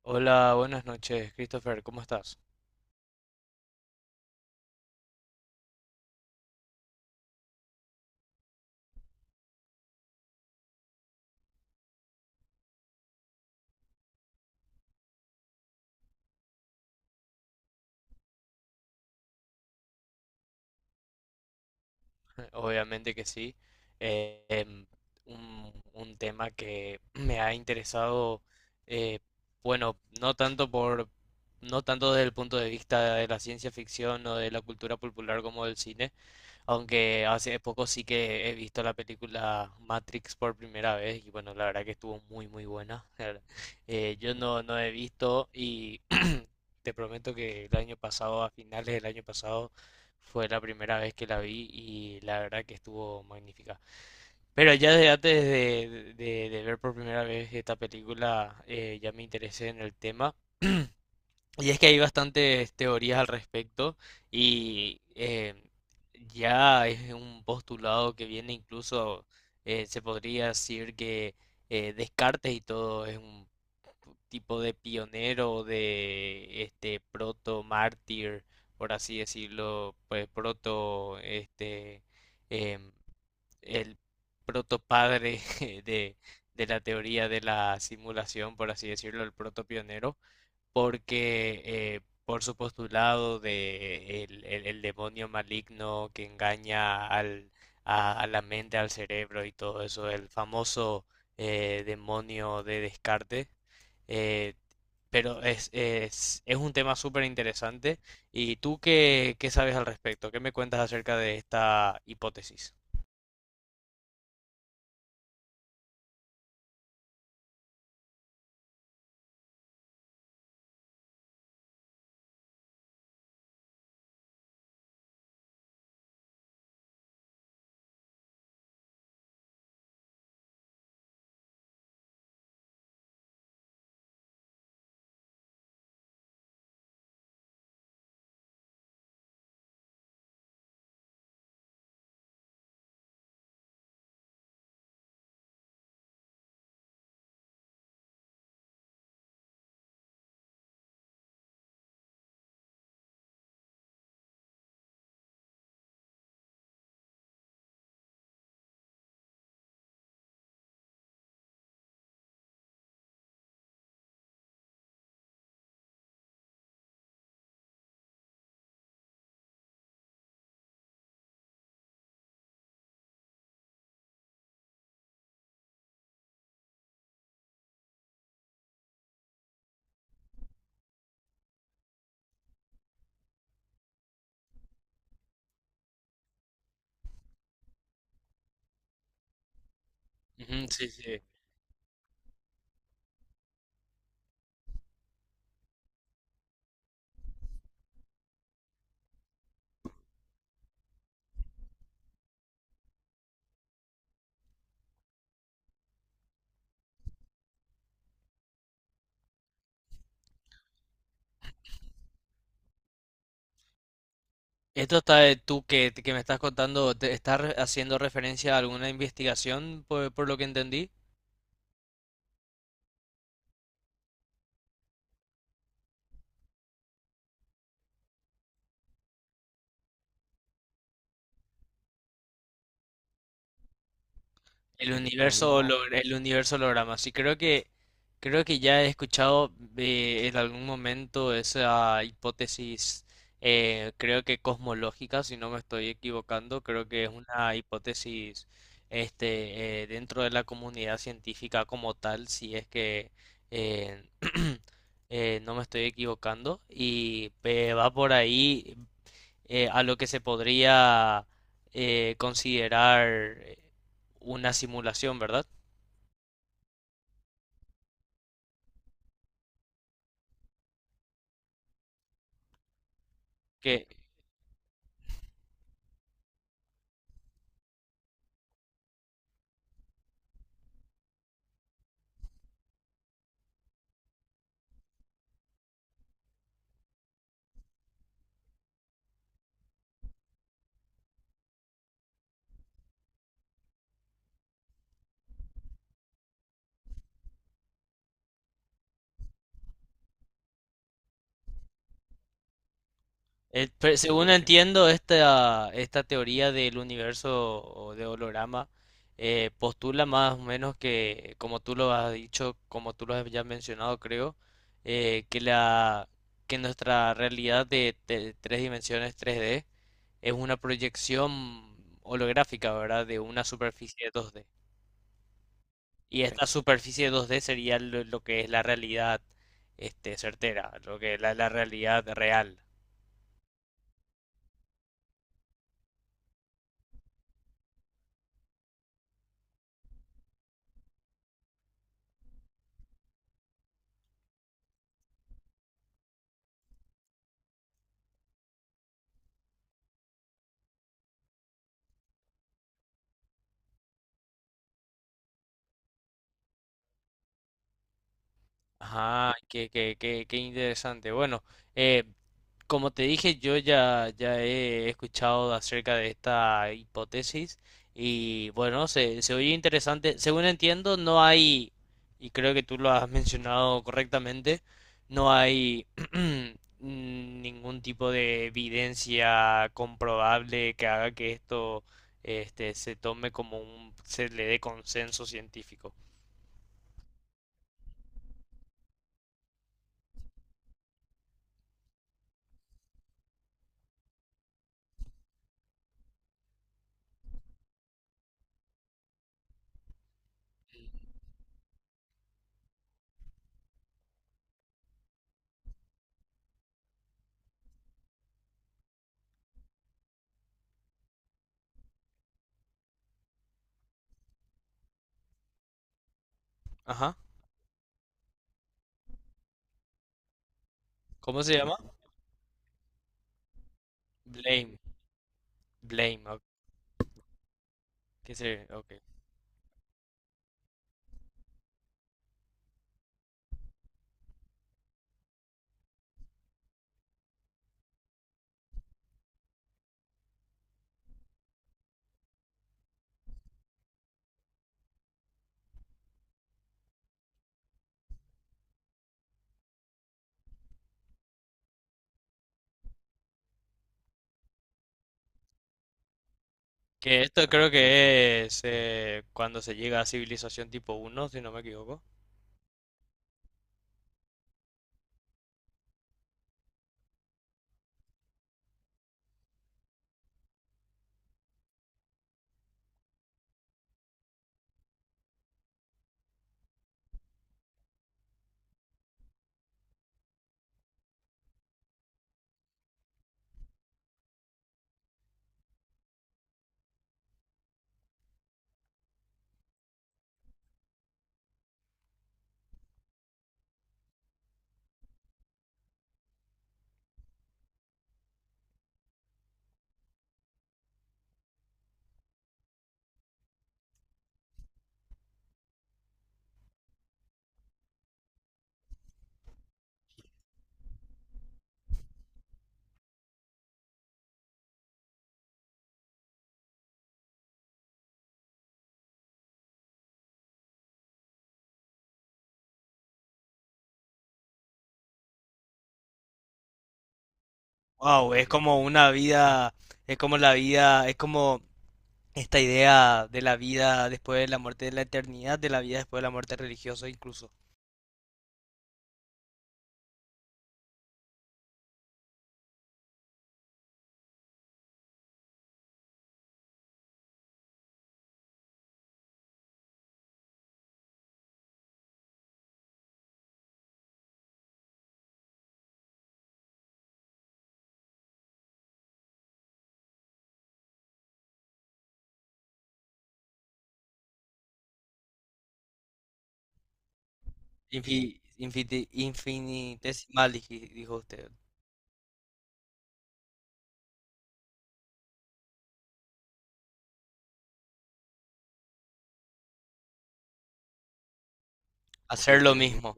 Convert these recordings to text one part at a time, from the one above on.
Hola, buenas noches, Christopher, ¿cómo estás? Obviamente que sí. Eh, em, un tema que me ha interesado, eh, bueno, no tanto desde el punto de vista de la ciencia ficción o de la cultura popular como del cine, aunque hace poco sí que he visto la película Matrix por primera vez y bueno, la verdad que estuvo muy muy buena. Yo no, no he visto y te prometo que el año pasado, a finales del año pasado, fue la primera vez que la vi y la verdad que estuvo magnífica. Pero ya desde de ver por primera vez esta película, ya me interesé en el tema. Y es que hay bastantes teorías al respecto y ya es un postulado que viene incluso, se podría decir que Descartes y todo es un tipo de pionero, de este proto mártir, por así decirlo, pues proto este em, el proto padre de, de la teoría de la simulación, por así decirlo, el proto pionero, porque por su postulado de el demonio maligno que engaña a la mente, al cerebro y todo eso, el famoso demonio de Descartes. eh, pero es un tema súper interesante. ¿Y tú qué sabes al respecto? ¿Qué me cuentas acerca de esta hipótesis? Ujú, sí, sí. Esto está, de tú que me estás contando, ¿te estás haciendo referencia a alguna investigación por lo que entendí? El universo Holograma. El universo holograma. Sí, creo que ya he escuchado en algún momento esa hipótesis, creo que cosmológica, si no me estoy equivocando, creo que es una hipótesis, dentro de la comunidad científica como tal, si es que eh, no me estoy equivocando y va por ahí a lo que se podría considerar una simulación, ¿verdad? Que Según entiendo, esta teoría del universo o de holograma, postula más o menos que, como tú lo has dicho, como tú lo has ya mencionado, creo, eh, que la, que nuestra realidad de tres dimensiones 3D es una proyección holográfica, ¿verdad? De una superficie 2D. Y sí. Esta superficie 2D sería lo que es la realidad, certera, lo que es la realidad real. Ah, qué interesante. Bueno, eh, como te dije, ya he escuchado acerca de esta hipótesis y bueno, se oye interesante. Según entiendo, no hay, y creo que tú lo has mencionado correctamente, no hay ningún tipo de evidencia comprobable que haga que esto, se tome como se le dé consenso científico. Ajá. ¿Cómo se llama? Blame. Blame, ok, ok. Que esto creo que es cuando se llega a civilización tipo uno, si no me equivoco. Wow, es como una vida, es como la vida, es como esta idea de la vida después de la muerte, de la eternidad, de la vida después de la muerte religiosa incluso. Infi- Infinitesimal, dijo usted. Hacer lo mismo.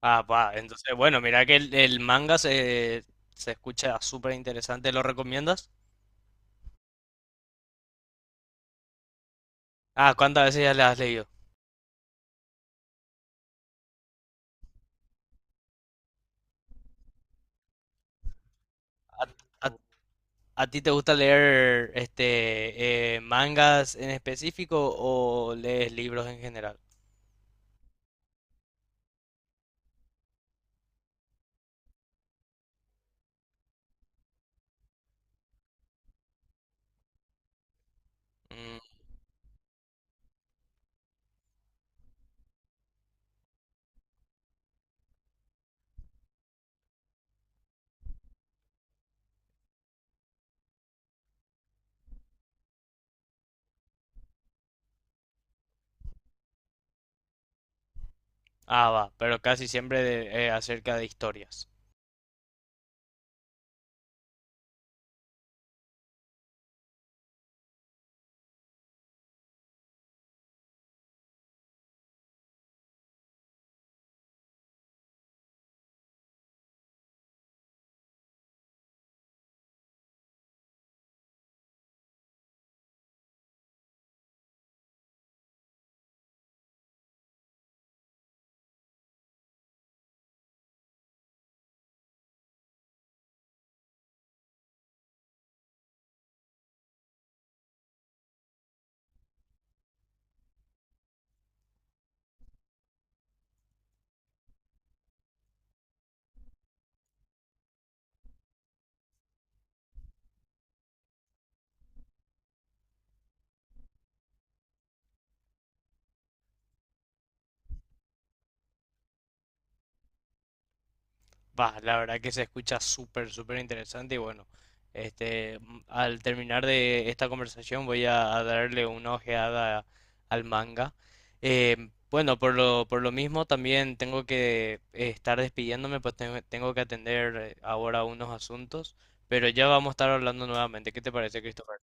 Ah, va, entonces, bueno, mira que el manga se escucha súper interesante, ¿lo recomiendas? Ah, ¿cuántas veces ya le has leído? A, ¿a ti te gusta leer mangas en específico o lees libros en general? Mm, ah, va, pero casi siempre acerca de historias. Va, la verdad que se escucha súper, súper interesante y bueno, este, al terminar de esta conversación voy a darle una ojeada al manga. Eh, bueno, por lo mismo también tengo que estar despidiéndome, pues tengo, tengo que atender ahora unos asuntos, pero ya vamos a estar hablando nuevamente. ¿Qué te parece, Christopher?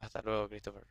Hasta luego, Christopher.